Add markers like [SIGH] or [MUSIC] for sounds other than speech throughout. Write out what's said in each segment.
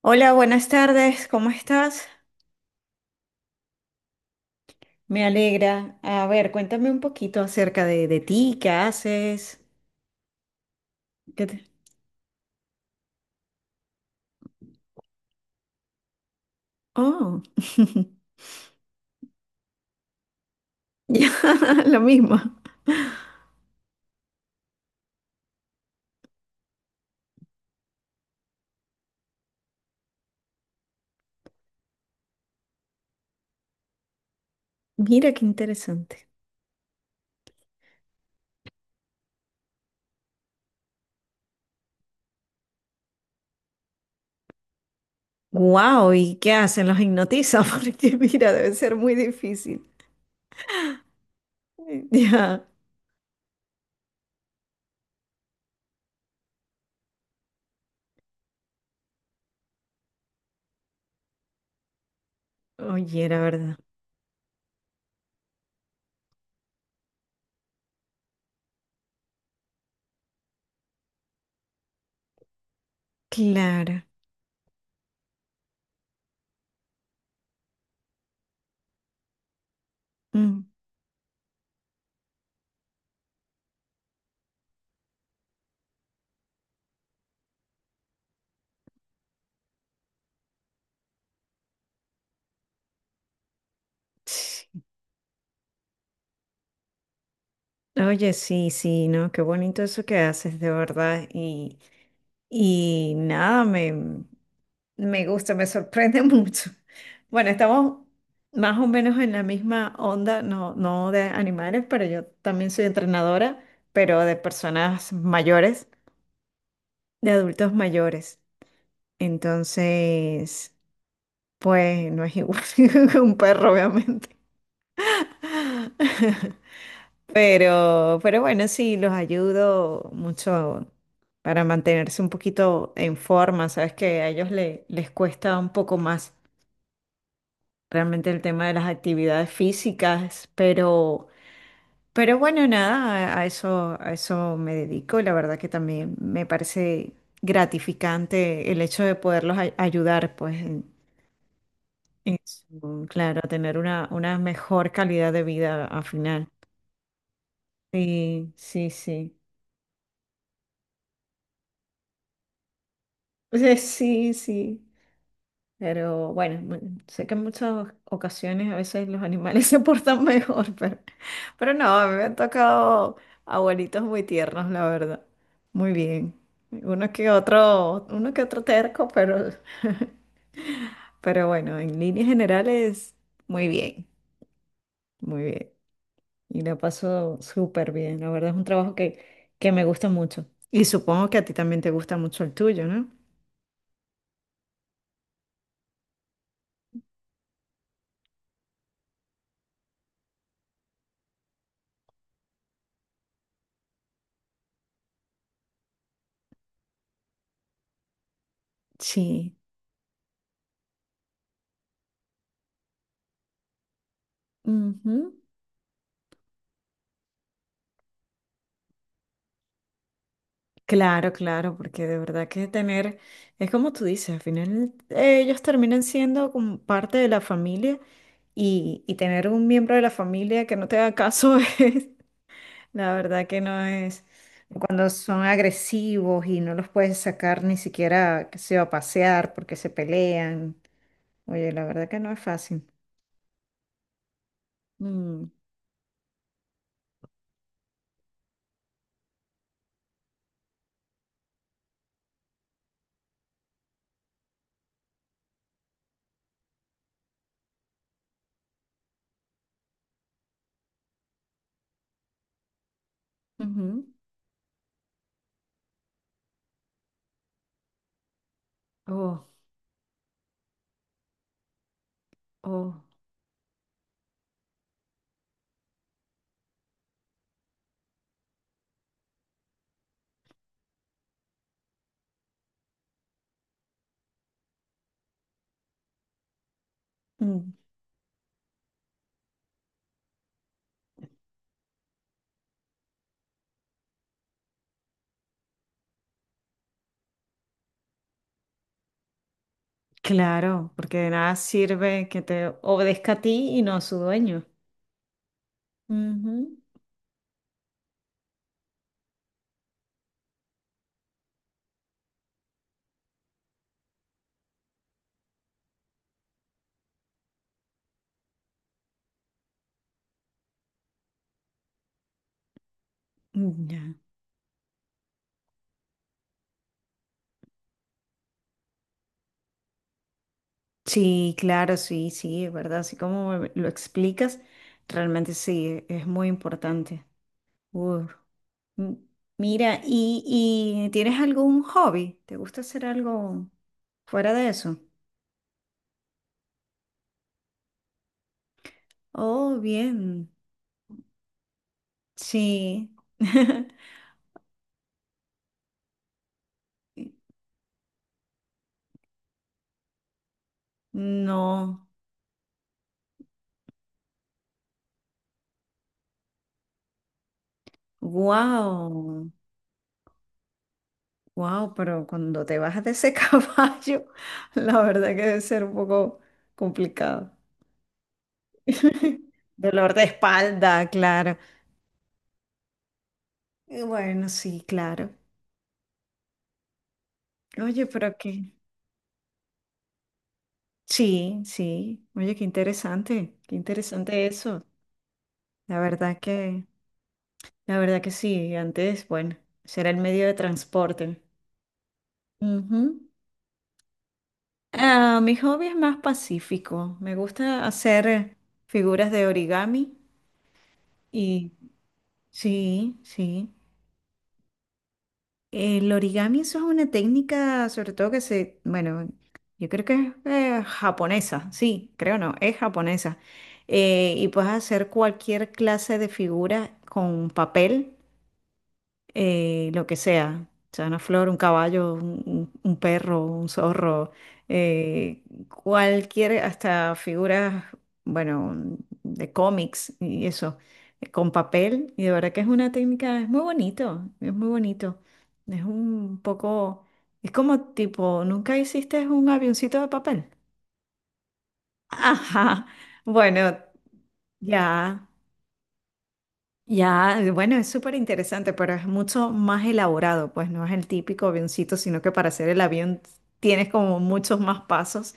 Hola, buenas tardes, ¿cómo estás? Me alegra. A ver, cuéntame un poquito acerca de ti, ¿qué haces? ¿Qué te- Oh, [LAUGHS] ya, lo mismo. Mira qué interesante. Wow, ¿y qué hacen? Los hipnotiza [LAUGHS] porque mira, debe ser muy difícil. [LAUGHS] Ya, oye, la verdad. Claro. Mm, sí. Oye, sí, sí, ¿no? Qué bonito eso que haces, de verdad. Y nada, me... Me gusta, me sorprende [LAUGHS] mucho. Bueno, estamos más o menos en la misma onda, no de animales, pero yo también soy entrenadora, pero de personas mayores, de adultos mayores. Entonces, pues no es igual [LAUGHS] que un perro, obviamente. [LAUGHS] Pero bueno, sí, los ayudo mucho para mantenerse un poquito en forma. Sabes que a ellos les cuesta un poco más realmente el tema de las actividades físicas, pero bueno, nada, a eso me dedico. La verdad que también me parece gratificante el hecho de poderlos ayudar, pues, en, claro, a tener una mejor calidad de vida al final. Sí, sí, sí. [LAUGHS] Sí, sí, sí. Pero bueno, sé que en muchas ocasiones a veces los animales [LAUGHS] se portan mejor, pero no, a mí me han tocado abuelitos muy tiernos, la verdad. Muy bien. Uno que otro terco, pero, [LAUGHS] pero bueno, en líneas generales, muy bien, muy bien. Y la paso súper bien. La verdad es un trabajo que me gusta mucho. Y supongo que a ti también te gusta mucho el tuyo, ¿no? Sí. Ujú. Claro, claro, porque de verdad que tener, es como tú dices, al final ellos terminan siendo como parte de la familia y tener un miembro de la familia que no te haga caso [LAUGHS] es, la verdad que no es, cuando son agresivos y no los puedes sacar ni siquiera, que se va a pasear porque se pelean, oye, la verdad que no es fácil. Mm, ujú. Oh, oh. Mm, claro, porque de nada sirve que te obedezca a ti y no a su dueño. Ujú. Mm, ya. Sí, claro, sí, sí, es verdad. Así como lo explicas, realmente sí, es muy importante. Uf. M- Mira, ¿y tienes algún hobby? ¿Te gusta hacer algo fuera de eso? Oh, bien, sí. [LAUGHS] No, wow, wow, pero cuando te bajas de ese [LAUGHS] caballo, la verdad que debe ser un poco complicado. [LAUGHS] Dolor de espalda, claro. Bueno, sí, claro. Oye, pero qué. Sí, sí. Oye, qué interesante eso. La verdad que, la verdad que sí. Antes, bueno, será el medio de transporte. Ujú. Ah, mi hobby es más pacífico. Me gusta hacer figuras de origami y sí, sí. El origami, eso es una técnica, sobre todo que se, bueno, yo creo que es japonesa, sí, creo no, es japonesa. Y puedes hacer cualquier clase de figura con papel lo que sea, o sea, una flor, un caballo, un perro, un zorro, eh, cualquier, hasta figuras, bueno, de cómics y eso, con papel, y de verdad que es una técnica, es muy bonito, es muy bonito, es un poco, es como tipo, ¿nunca hiciste un avioncito de papel? [LAUGHS] Ajá, bueno, ya. Ya, bueno, es súper interesante, pero es mucho más elaborado, pues no es el típico avioncito, sino que para hacer el avión tienes como muchos más pasos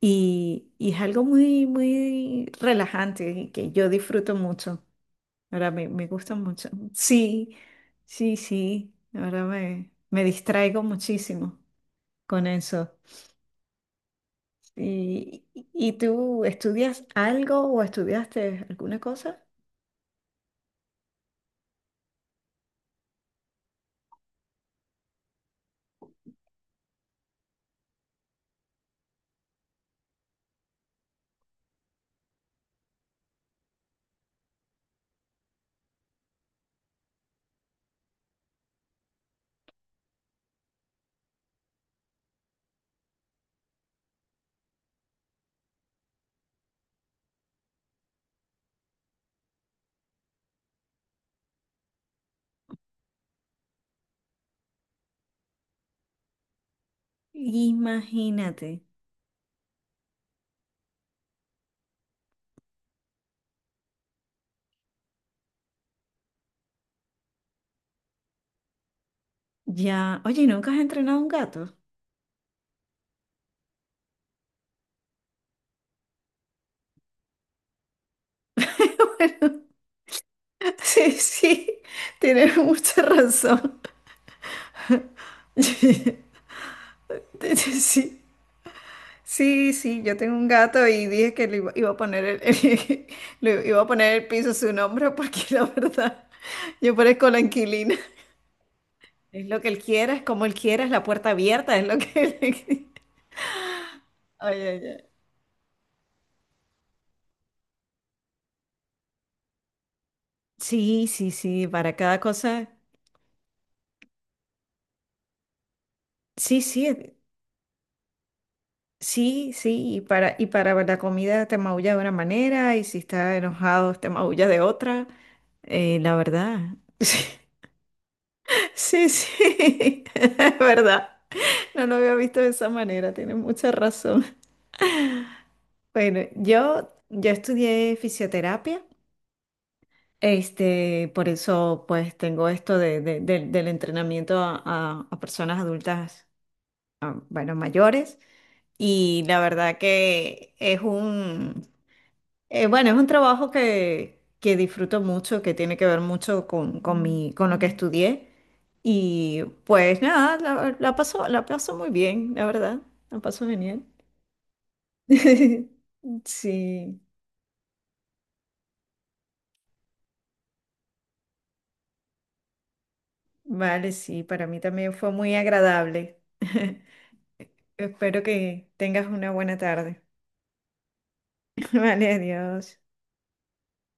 y es algo muy, muy relajante y que yo disfruto mucho. Ahora me gusta mucho. Sí, sí, sí, ahora me distraigo muchísimo con eso. ¿Y, y tú estudias algo o estudiaste alguna cosa? Imagínate. Ya, oye, ¿y nunca has entrenado un gato? [LAUGHS] Sí, sí, tienes mucha razón. [LAUGHS] Sí, sí, sí, sí. Yo tengo un gato y dije que le iba a poner [LAUGHS] le iba a poner el piso su nombre porque [LAUGHS] la verdad, yo parezco la inquilina. Es lo que él quiera, es como él quiera, es la puerta abierta, es lo que él... [LAUGHS] Oye, oye. Sí, sí, sí, para cada cosa. Sí, sí, sí, sí, y para la comida te maulla de una manera, y si está enojado te maulla de otra. La verdad. [LAUGHS] Sí, sí, sí, [LAUGHS] es verdad. No lo había visto de esa manera, tienes mucha razón. Bueno, yo estudié fisioterapia, este, por eso pues tengo esto del entrenamiento a personas adultas, bueno, mayores, y la verdad que es un, bueno, es un trabajo que disfruto mucho, que tiene que ver mucho con mi, con lo que estudié. Y pues nada, la paso muy bien, la verdad. La paso genial. [LAUGHS] Sí, vale, sí, para mí también fue muy agradable. [LAUGHS] Espero que tengas una buena tarde. [LAUGHS] Vale, adiós.